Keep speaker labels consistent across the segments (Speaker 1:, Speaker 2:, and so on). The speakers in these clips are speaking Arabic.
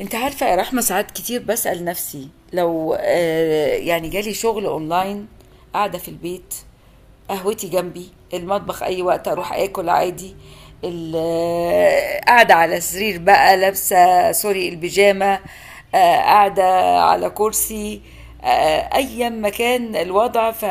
Speaker 1: انت عارفة يا رحمة، ساعات كتير بسأل نفسي لو يعني جالي شغل اونلاين، قاعدة في البيت، قهوتي جنبي المطبخ، اي وقت اروح اكل عادي. قاعدة على سرير بقى لابسة سوري البيجامة، قاعدة على كرسي، أيا مكان الوضع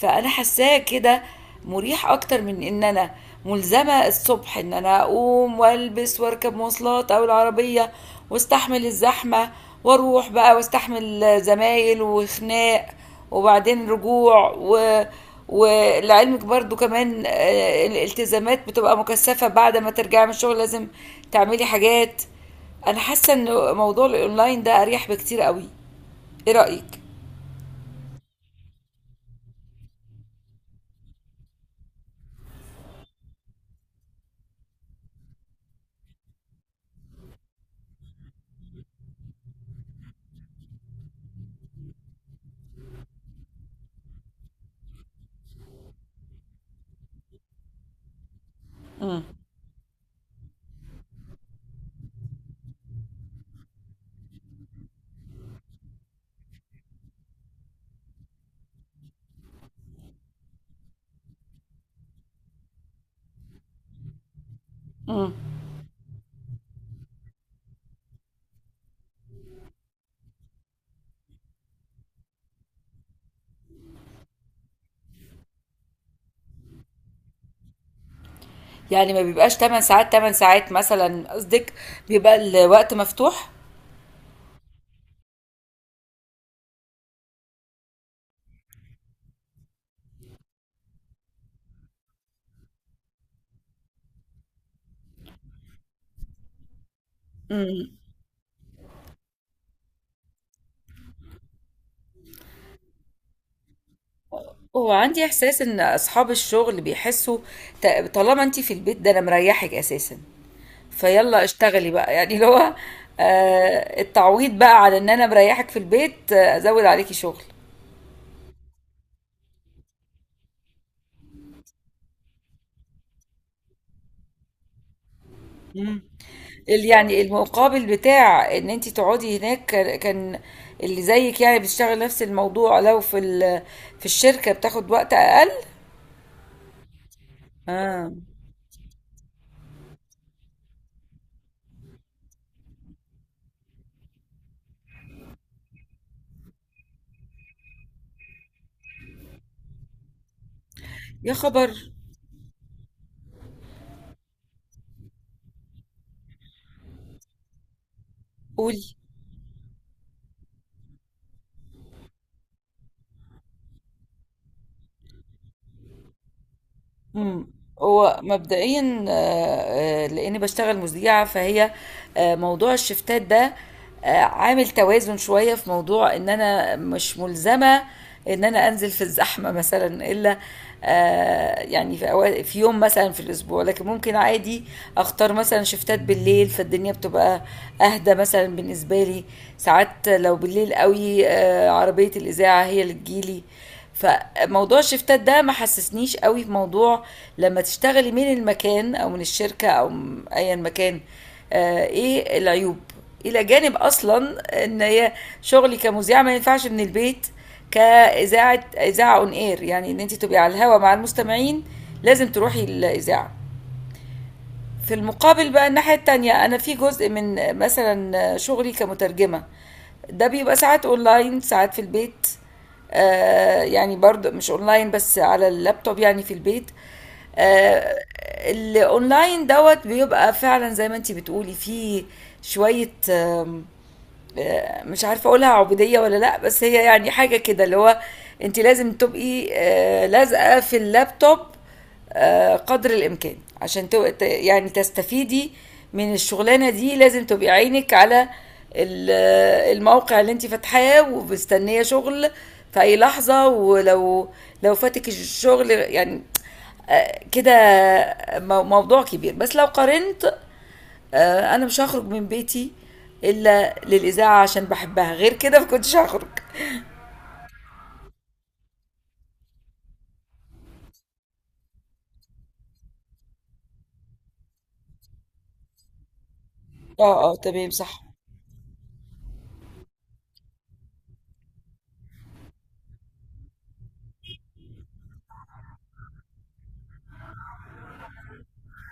Speaker 1: فأنا حاساه كده مريح أكتر من إن أنا ملزمة الصبح إن أنا أقوم وألبس وأركب مواصلات أو العربية واستحمل الزحمة واروح بقى واستحمل زمايل وخناق وبعدين رجوع. ولعلمك برضو كمان الالتزامات بتبقى مكثفة، بعد ما ترجعي من الشغل لازم تعملي حاجات. انا حاسه ان موضوع الاونلاين ده اريح بكتير قوي. ايه رايك؟ امم. امم. يعني ما بيبقاش 8 ساعات 8 ساعات مثلا قصدك، بيبقى الوقت مفتوح. امم. هو عندي احساس ان اصحاب الشغل بيحسوا طالما انت في البيت ده انا مريحك اساسا، فيلا اشتغلي بقى يعني اللي هو التعويض بقى على ان انا مريحك في البيت، ازود عليكي شغل. مم. يعني المقابل بتاع ان انت تقعدي هناك كان اللي زيك يعني بيشتغل نفس الموضوع، لو في في الشركة بتاخد وقت اقل. اه. يا خبر. قولي. امم. هو مبدئيا لاني بشتغل مذيعه، فهي موضوع الشفتات ده عامل توازن شويه في موضوع ان انا مش ملزمه ان انا انزل في الزحمه مثلا الا يعني في في يوم مثلا في الاسبوع، لكن ممكن عادي اختار مثلا شفتات بالليل، فالدنيا بتبقى اهدى مثلا بالنسبه لي. ساعات لو بالليل قوي عربيه الاذاعه هي اللي تجيلي، فموضوع الشفتات ده ما حسسنيش قوي في موضوع لما تشتغلي من المكان او من الشركه او ايا مكان. ايه العيوب؟ الى جانب اصلا ان هي شغلي كمذيعه ما ينفعش من البيت، اذاعه اون اير، يعني ان انت تبقي على الهوا مع المستمعين لازم تروحي الاذاعه. في المقابل بقى الناحية التانية، أنا في جزء من مثلا شغلي كمترجمة ده بيبقى ساعات أونلاين، ساعات في البيت. آه، يعني برضه مش أونلاين بس، على اللابتوب يعني في البيت. آه. الأونلاين دوت بيبقى فعلا زي ما انتي بتقولي فيه شوية آم، آه، مش عارفه اقولها عبوديه ولا لا، بس هي يعني حاجه كده اللي هو انت لازم تبقي لازقه في اللابتوب قدر الامكان عشان يعني تستفيدي من الشغلانه دي، لازم تبقي عينك على الموقع اللي انت فاتحاه ومستنيه شغل في اي لحظه، ولو لو فاتك الشغل يعني موضوع كبير. بس لو قارنت، انا مش هخرج من بيتي الا للاذاعه عشان بحبها، غير كده ما كنتش هخرج. اه اه تمام صح.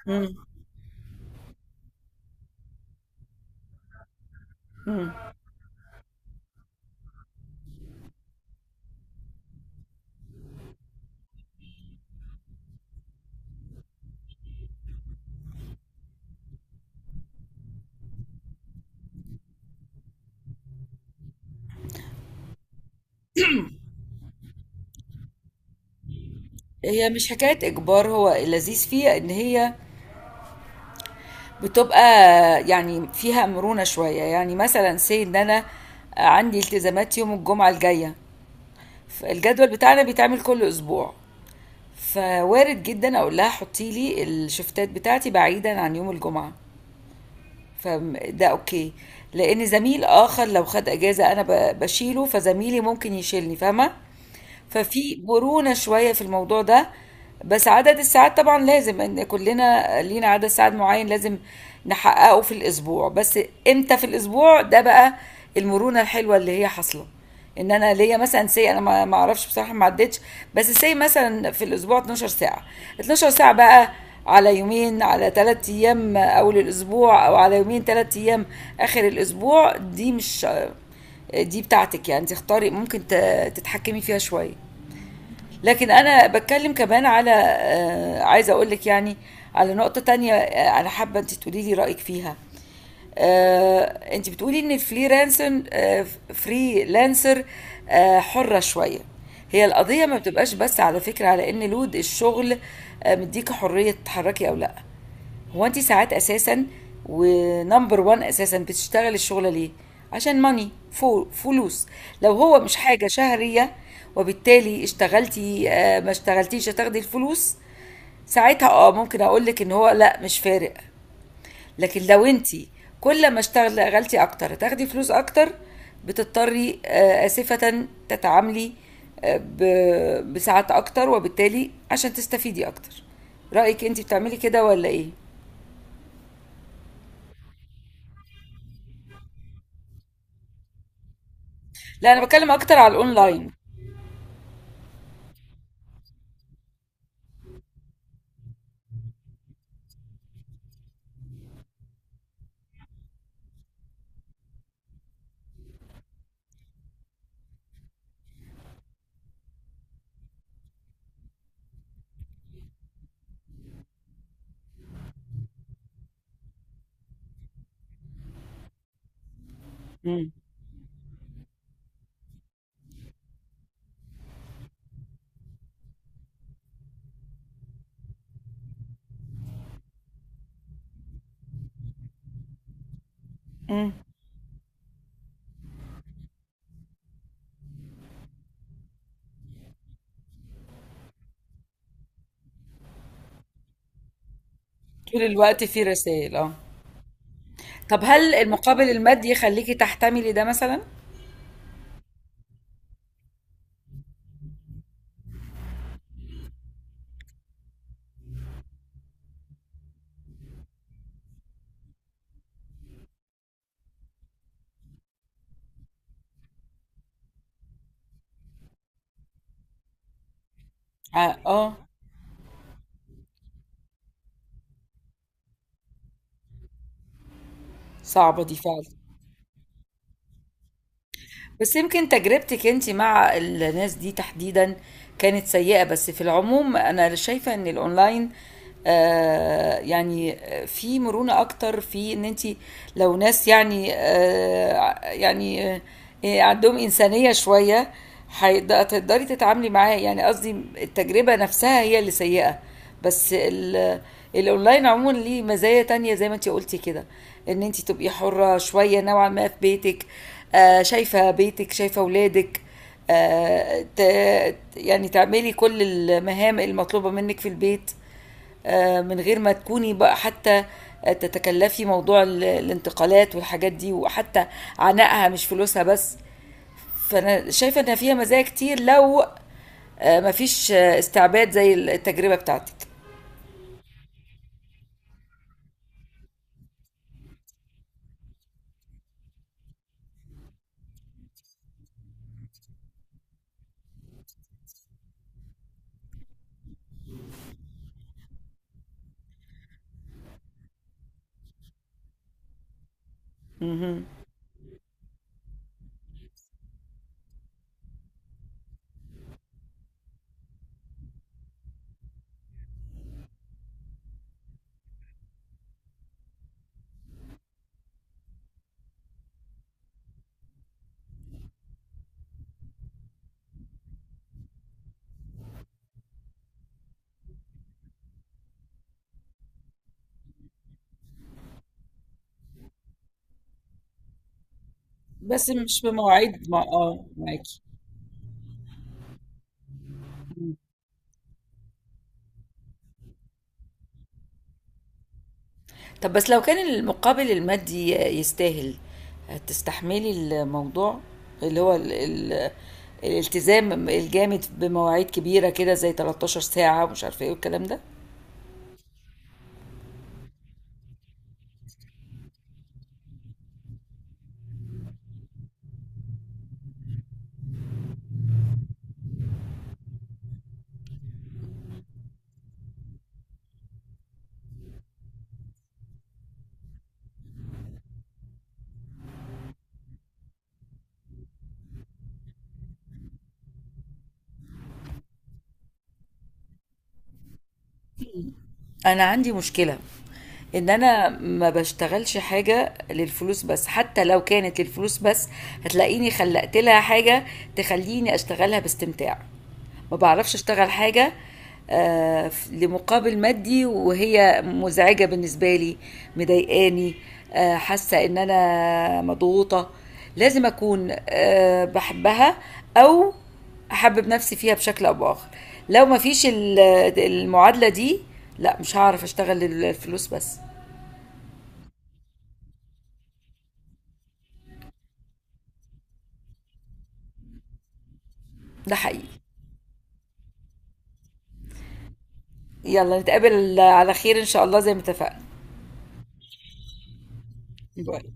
Speaker 1: امم. امم. هي مش حكايه اجبار، هو اللذيذ فيها ان هي بتبقى يعني فيها مرونه شويه، يعني مثلا سي ان انا عندي التزامات يوم الجمعه الجايه، فالجدول بتاعنا بيتعمل كل اسبوع، فوارد جدا اقول لها حطي لي الشفتات بتاعتي بعيدا عن يوم الجمعه، فده اوكي. لان زميل اخر لو خد اجازه انا بشيله، فزميلي ممكن يشيلني، فاهمه؟ ففي مرونه شويه في الموضوع ده. بس عدد الساعات طبعا لازم، ان كلنا لينا عدد ساعات معين لازم نحققه في الاسبوع، بس امتى في الاسبوع ده بقى، المرونه الحلوه اللي هي حاصله ان انا ليا مثلا سي انا ما اعرفش بصراحه ما عدتش، بس سي مثلا في الاسبوع 12 ساعه. 12 ساعه بقى على يومين، على ثلاث ايام اول الاسبوع، او على يومين ثلاث ايام اخر الاسبوع، دي مش دي بتاعتك، يعني انت اختاري ممكن تتحكمي فيها شويه. لكن انا بتكلم كمان على عايزه اقول لك يعني على نقطه تانية، انا حابه انت تقولي لي رايك فيها. آه. انت بتقولي ان الفريلانسر آه، فريلانسر آه، حره شويه، هي القضيه ما بتبقاش بس على فكره على ان لود الشغل مديك حريه تتحركي او لا، هو انت ساعات اساسا ونمبر 1 اساسا بتشتغل الشغله ليه؟ عشان ماني، فلوس. لو هو مش حاجه شهريه وبالتالي اشتغلتي ما اشتغلتيش هتاخدي الفلوس، ساعتها اه ممكن اقول لك ان هو لا مش فارق. لكن لو انت كل ما اشتغلتي اكتر هتاخدي فلوس اكتر، بتضطري آه، اسفه تتعاملي بساعات اكتر، وبالتالي عشان تستفيدي اكتر. رايك انت بتعملي كده ولا ايه؟ لا انا بتكلم اكتر على الاونلاين. مم. مم. طول الوقت في رسائل اه. طب هل المقابل المادي يخليكي تحتملي ده مثلا؟ اه آه. صعبة دي فعلا. بس يمكن تجربتك انت مع الناس دي تحديدا كانت سيئة، بس في العموم انا شايفة ان الاونلاين يعني في مرونة اكتر في ان انت لو ناس عندهم انسانية شوية هيقد- هتقدري تتعاملي معاه، يعني قصدي التجربة نفسها هي اللي سيئة. بس ال الأونلاين عمومًا ليه مزايا تانية زي ما أنتِ قُلتِ كده، إن أنتِ تبقي حُرّة شوية نوعًا ما في بيتِك، شايفة بيتِك، شايفة ولادِك، ت يعني تعملي كل المهام المطلوبة منِّك في البيت، من غير ما تكوني بقى حتى تتكلّفي موضوع الانتقالات والحاجات دي، وحتى عناءها مش فلوسها بس، فأنا شايفة إن فيها مزايا كتير لو ما فيش استعباد زي التجربة بتاعتِك. اهم. بس مش في مواعيد ما اه معاكي. طب بس لو كان المقابل المادي يستاهل تستحملي الموضوع اللي هو ال الالتزام الجامد بمواعيد كبيرة كده زي 13 ساعة ومش عارفة ايه والكلام ده. انا عندي مشكلة ان انا ما بشتغلش حاجه للفلوس بس، حتى لو كانت للفلوس بس هتلاقيني خلقت لها حاجه تخليني اشتغلها باستمتاع. ما بعرفش اشتغل حاجه لمقابل مادي وهي مزعجه بالنسبه لي، مضايقاني، حاسه ان انا مضغوطه. لازم اكون بحبها او احبب نفسي فيها بشكل او باخر، لو ما فيش المعادله دي لا، مش هعرف اشتغل الفلوس بس. ده حقيقي. يلا نتقابل على خير إن شاء الله زي ما اتفقنا. باي.